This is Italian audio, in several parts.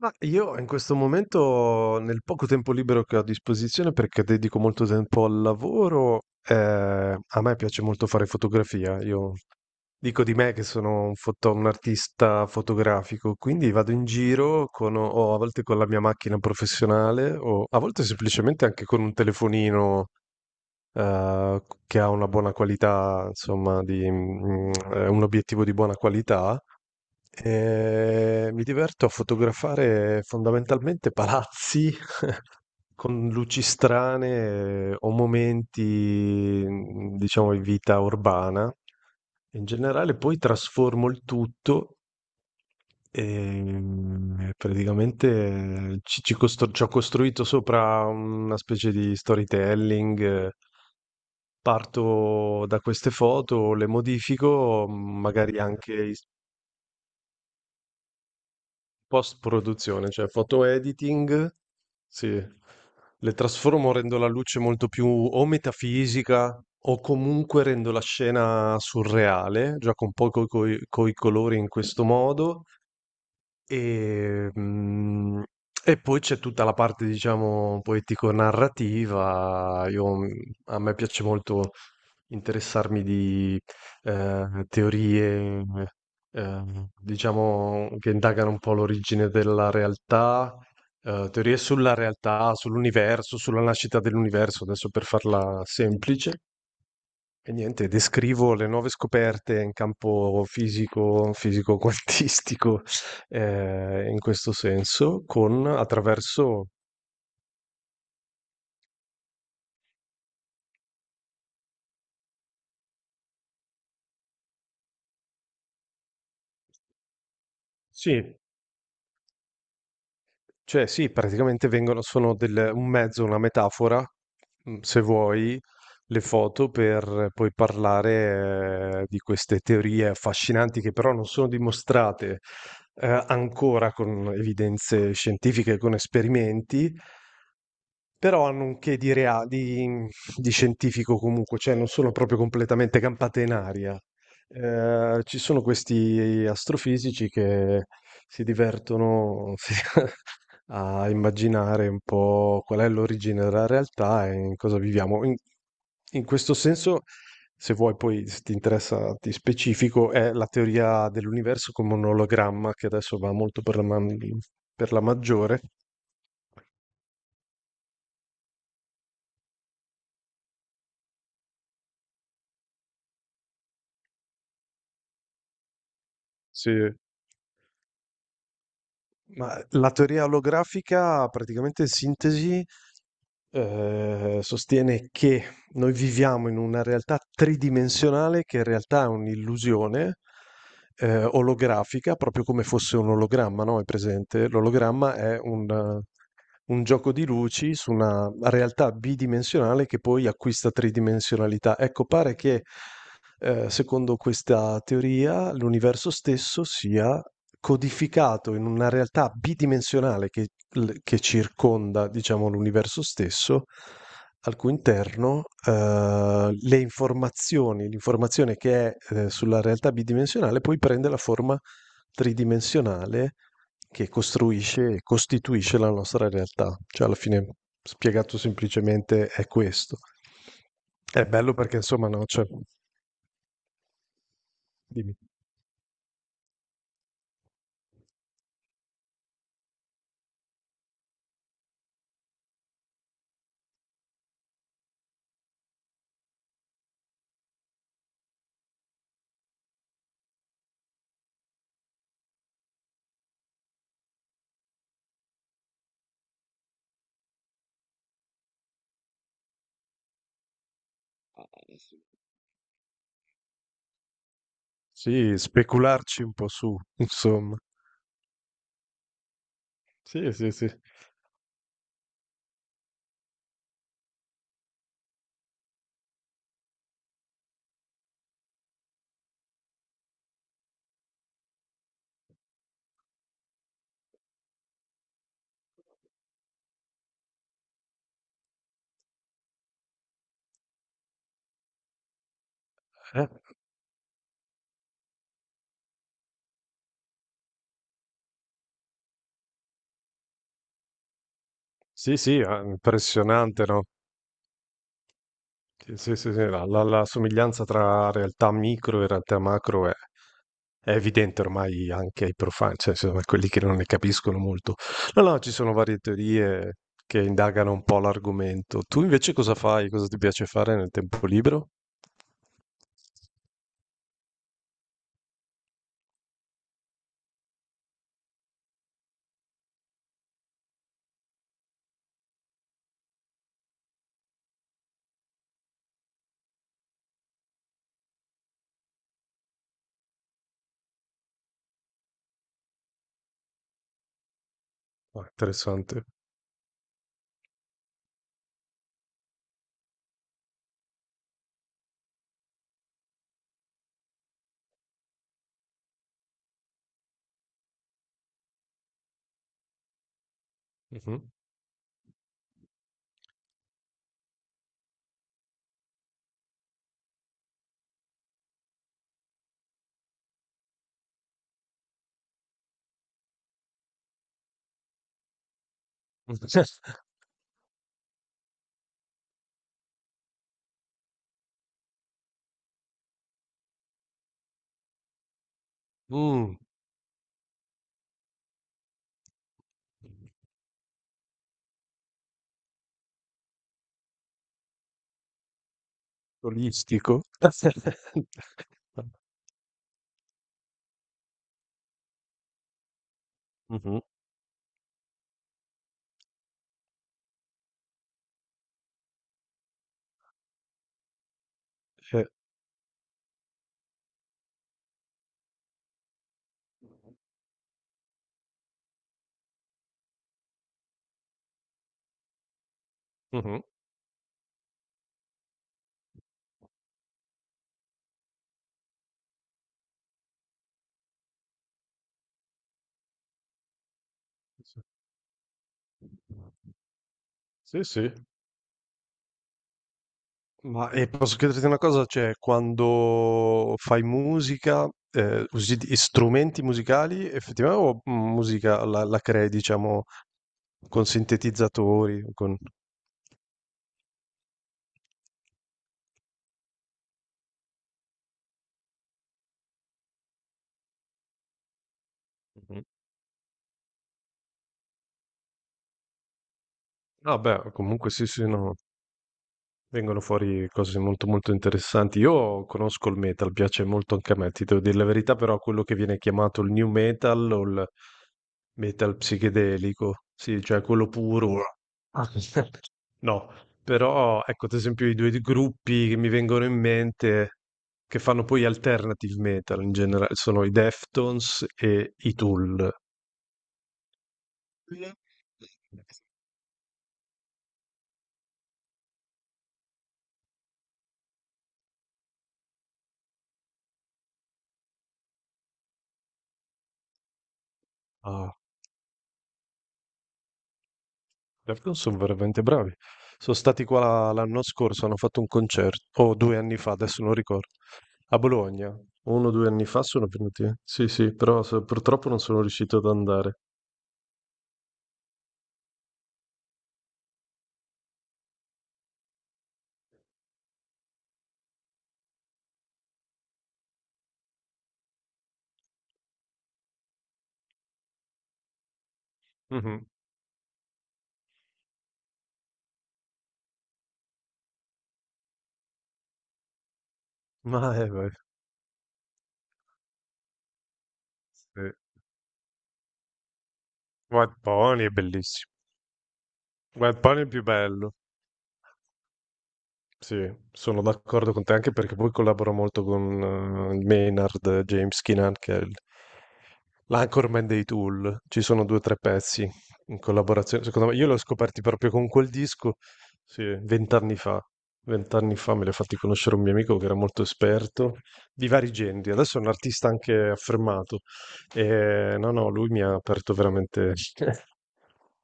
Ma io in questo momento, nel poco tempo libero che ho a disposizione, perché dedico molto tempo al lavoro, a me piace molto fare fotografia. Io dico di me che sono un artista fotografico, quindi vado in giro con, o a volte con la mia macchina professionale, o a volte semplicemente anche con un telefonino, che ha una buona qualità, insomma, un obiettivo di buona qualità. Mi diverto a fotografare fondamentalmente palazzi con luci strane o momenti, diciamo, di vita urbana. In generale poi trasformo il tutto praticamente ci ho costruito sopra una specie di storytelling. Parto da queste foto, le modifico, magari anche post-produzione, cioè photo editing, sì, le trasformo, rendo la luce molto più o metafisica o comunque rendo la scena surreale, gioco un po' con i colori in questo modo e, mm, e poi c'è tutta la parte, diciamo, poetico-narrativa. A me piace molto interessarmi di, teorie, diciamo che indagano un po' l'origine della realtà, teorie sulla realtà, sull'universo, sulla nascita dell'universo, adesso per farla semplice. E niente, descrivo le nuove scoperte in campo fisico, fisico-quantistico, in questo senso, con attraverso, sì, cioè sì, praticamente vengono, un mezzo, una metafora, se vuoi, le foto per poi parlare di queste teorie affascinanti che però non sono dimostrate ancora con evidenze scientifiche, con esperimenti, però hanno un che di scientifico comunque, cioè non sono proprio completamente campate in aria. Ci sono questi astrofisici che si divertono, sì, a immaginare un po' qual è l'origine della realtà e in cosa viviamo. In questo senso, se vuoi poi, se ti interessa, ti specifico, è la teoria dell'universo come un ologramma, che adesso va molto per la maggiore. Sì. Ma la teoria olografica, praticamente in sintesi, sostiene che noi viviamo in una realtà tridimensionale che in realtà è un'illusione olografica, proprio come fosse un ologramma, no? È presente? L'ologramma è un gioco di luci su una realtà bidimensionale che poi acquista tridimensionalità. Ecco, pare che secondo questa teoria, l'universo stesso sia codificato in una realtà bidimensionale che circonda, diciamo, l'universo stesso, al cui interno l'informazione che è sulla realtà bidimensionale poi prende la forma tridimensionale che costruisce e costituisce la nostra realtà. Cioè, alla fine, spiegato semplicemente, è questo. È bello perché, insomma, no, cioè, dimmi. Ah, adesso- Sì, specularci un po' su, insomma. Sì, sì, sì. Eh, Sì, sì, impressionante, no? Sì, sì, sì, sì, la somiglianza tra realtà micro e realtà macro è evidente ormai anche ai profani, cioè insomma a quelli che non ne capiscono molto. No, no, ci sono varie teorie che indagano un po' l'argomento. Tu invece cosa fai? Cosa ti piace fare nel tempo libero? Ah, interessante. Mh-mh. Mh, olistico. Mh-mh. Eh. Mh-mh. Sì, sì. Ma e posso chiederti una cosa? Cioè, quando fai musica, usi strumenti musicali effettivamente o musica la crei, diciamo, con sintetizzatori? Con... Mhm. Ah, beh, comunque sì, sì, no. Vengono fuori cose molto molto interessanti. Io conosco il metal, piace molto anche a me, ti devo dire la verità, però quello che viene chiamato il new metal o il metal psichedelico, sì, cioè quello puro. Ah. No, però ecco, ad esempio i due gruppi che mi vengono in mente che fanno poi alternative metal in generale sono i Deftones e i Tool. Ah. Certo, sono veramente bravi. Sono stati qua l'anno scorso, hanno fatto un concerto, o due anni fa, adesso non ricordo, a Bologna. Uno o due anni fa sono venuti. Sì, sì, però purtroppo non sono riuscito ad andare. Mhm. Ma beh, sì. White Pony è bellissimo. White Pony è il più bello. Sì, sono d'accordo con te anche perché poi collaboro molto con Maynard, James Keenan, che è l'anchorman dei Tool. Ci sono due o tre pezzi in collaborazione. Secondo me, io li ho scoperti proprio con quel disco, sì, vent'anni fa. Vent'anni fa me li ha fatti conoscere un mio amico che era molto esperto di vari generi. Adesso è un artista anche affermato. E, no, no, lui mi ha aperto veramente,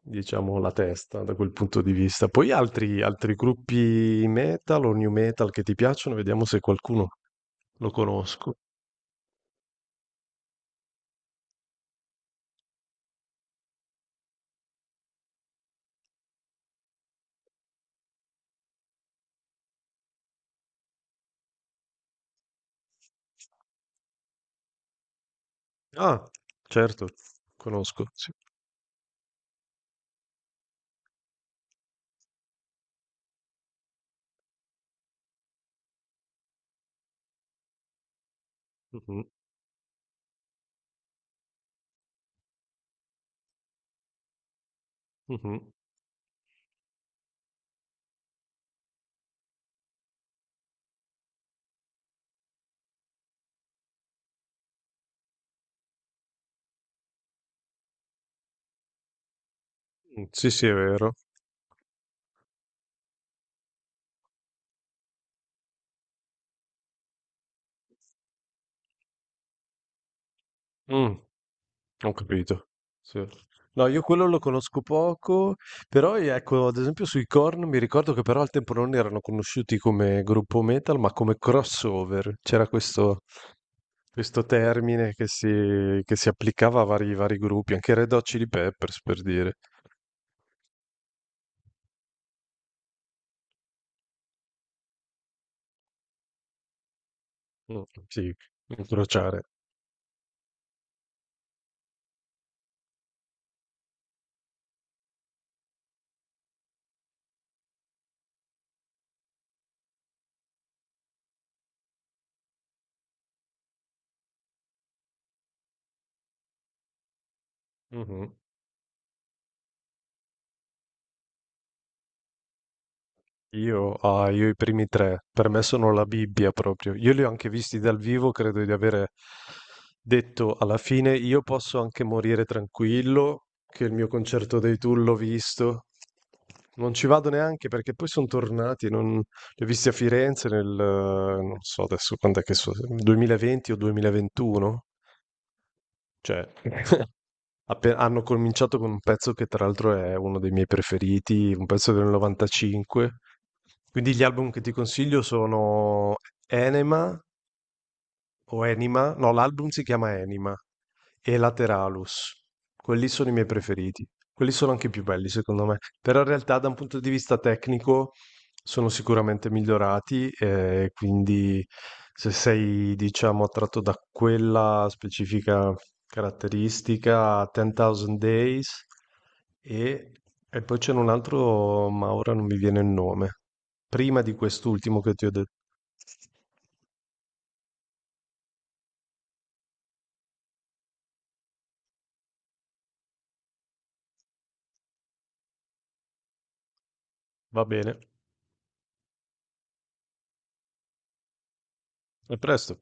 diciamo, la testa da quel punto di vista. Poi altri, gruppi metal o new metal che ti piacciono, vediamo se qualcuno lo conosco. Ah, certo, conosco, sì. Mhm, mhm. Mm, sì, sì, è vero. Mm, ho capito. Sì. No, io quello lo conosco poco, però ecco, ad esempio sui Korn mi ricordo che però al tempo non erano conosciuti come gruppo metal, ma come crossover. C'era questo termine che si applicava a vari gruppi, anche Red Hot Chili Peppers per dire, mm, sì, incrociare. Mhm. Io i primi tre, per me sono la Bibbia proprio. Io li ho anche visti dal vivo, credo di avere detto alla fine, io posso anche morire tranquillo, che il mio concerto dei Tool l'ho visto. Non ci vado neanche perché poi sono tornati, non... li ho visti a Firenze non so adesso quando è che so, 2020 o 2021. Cioè, hanno cominciato con un pezzo che tra l'altro è uno dei miei preferiti, un pezzo del 95. Quindi gli album che ti consiglio sono Enema, o Enima, no, l'album si chiama Enima e Lateralus. Quelli sono i miei preferiti. Quelli sono anche i più belli, secondo me. Però in realtà, da un punto di vista tecnico, sono sicuramente migliorati. E quindi, se sei, diciamo, attratto da quella specifica caratteristica, 10.000 Days, e, e poi c'è un altro, ma ora non mi viene il nome. Prima di quest'ultimo che ti ho detto. Va bene, a presto.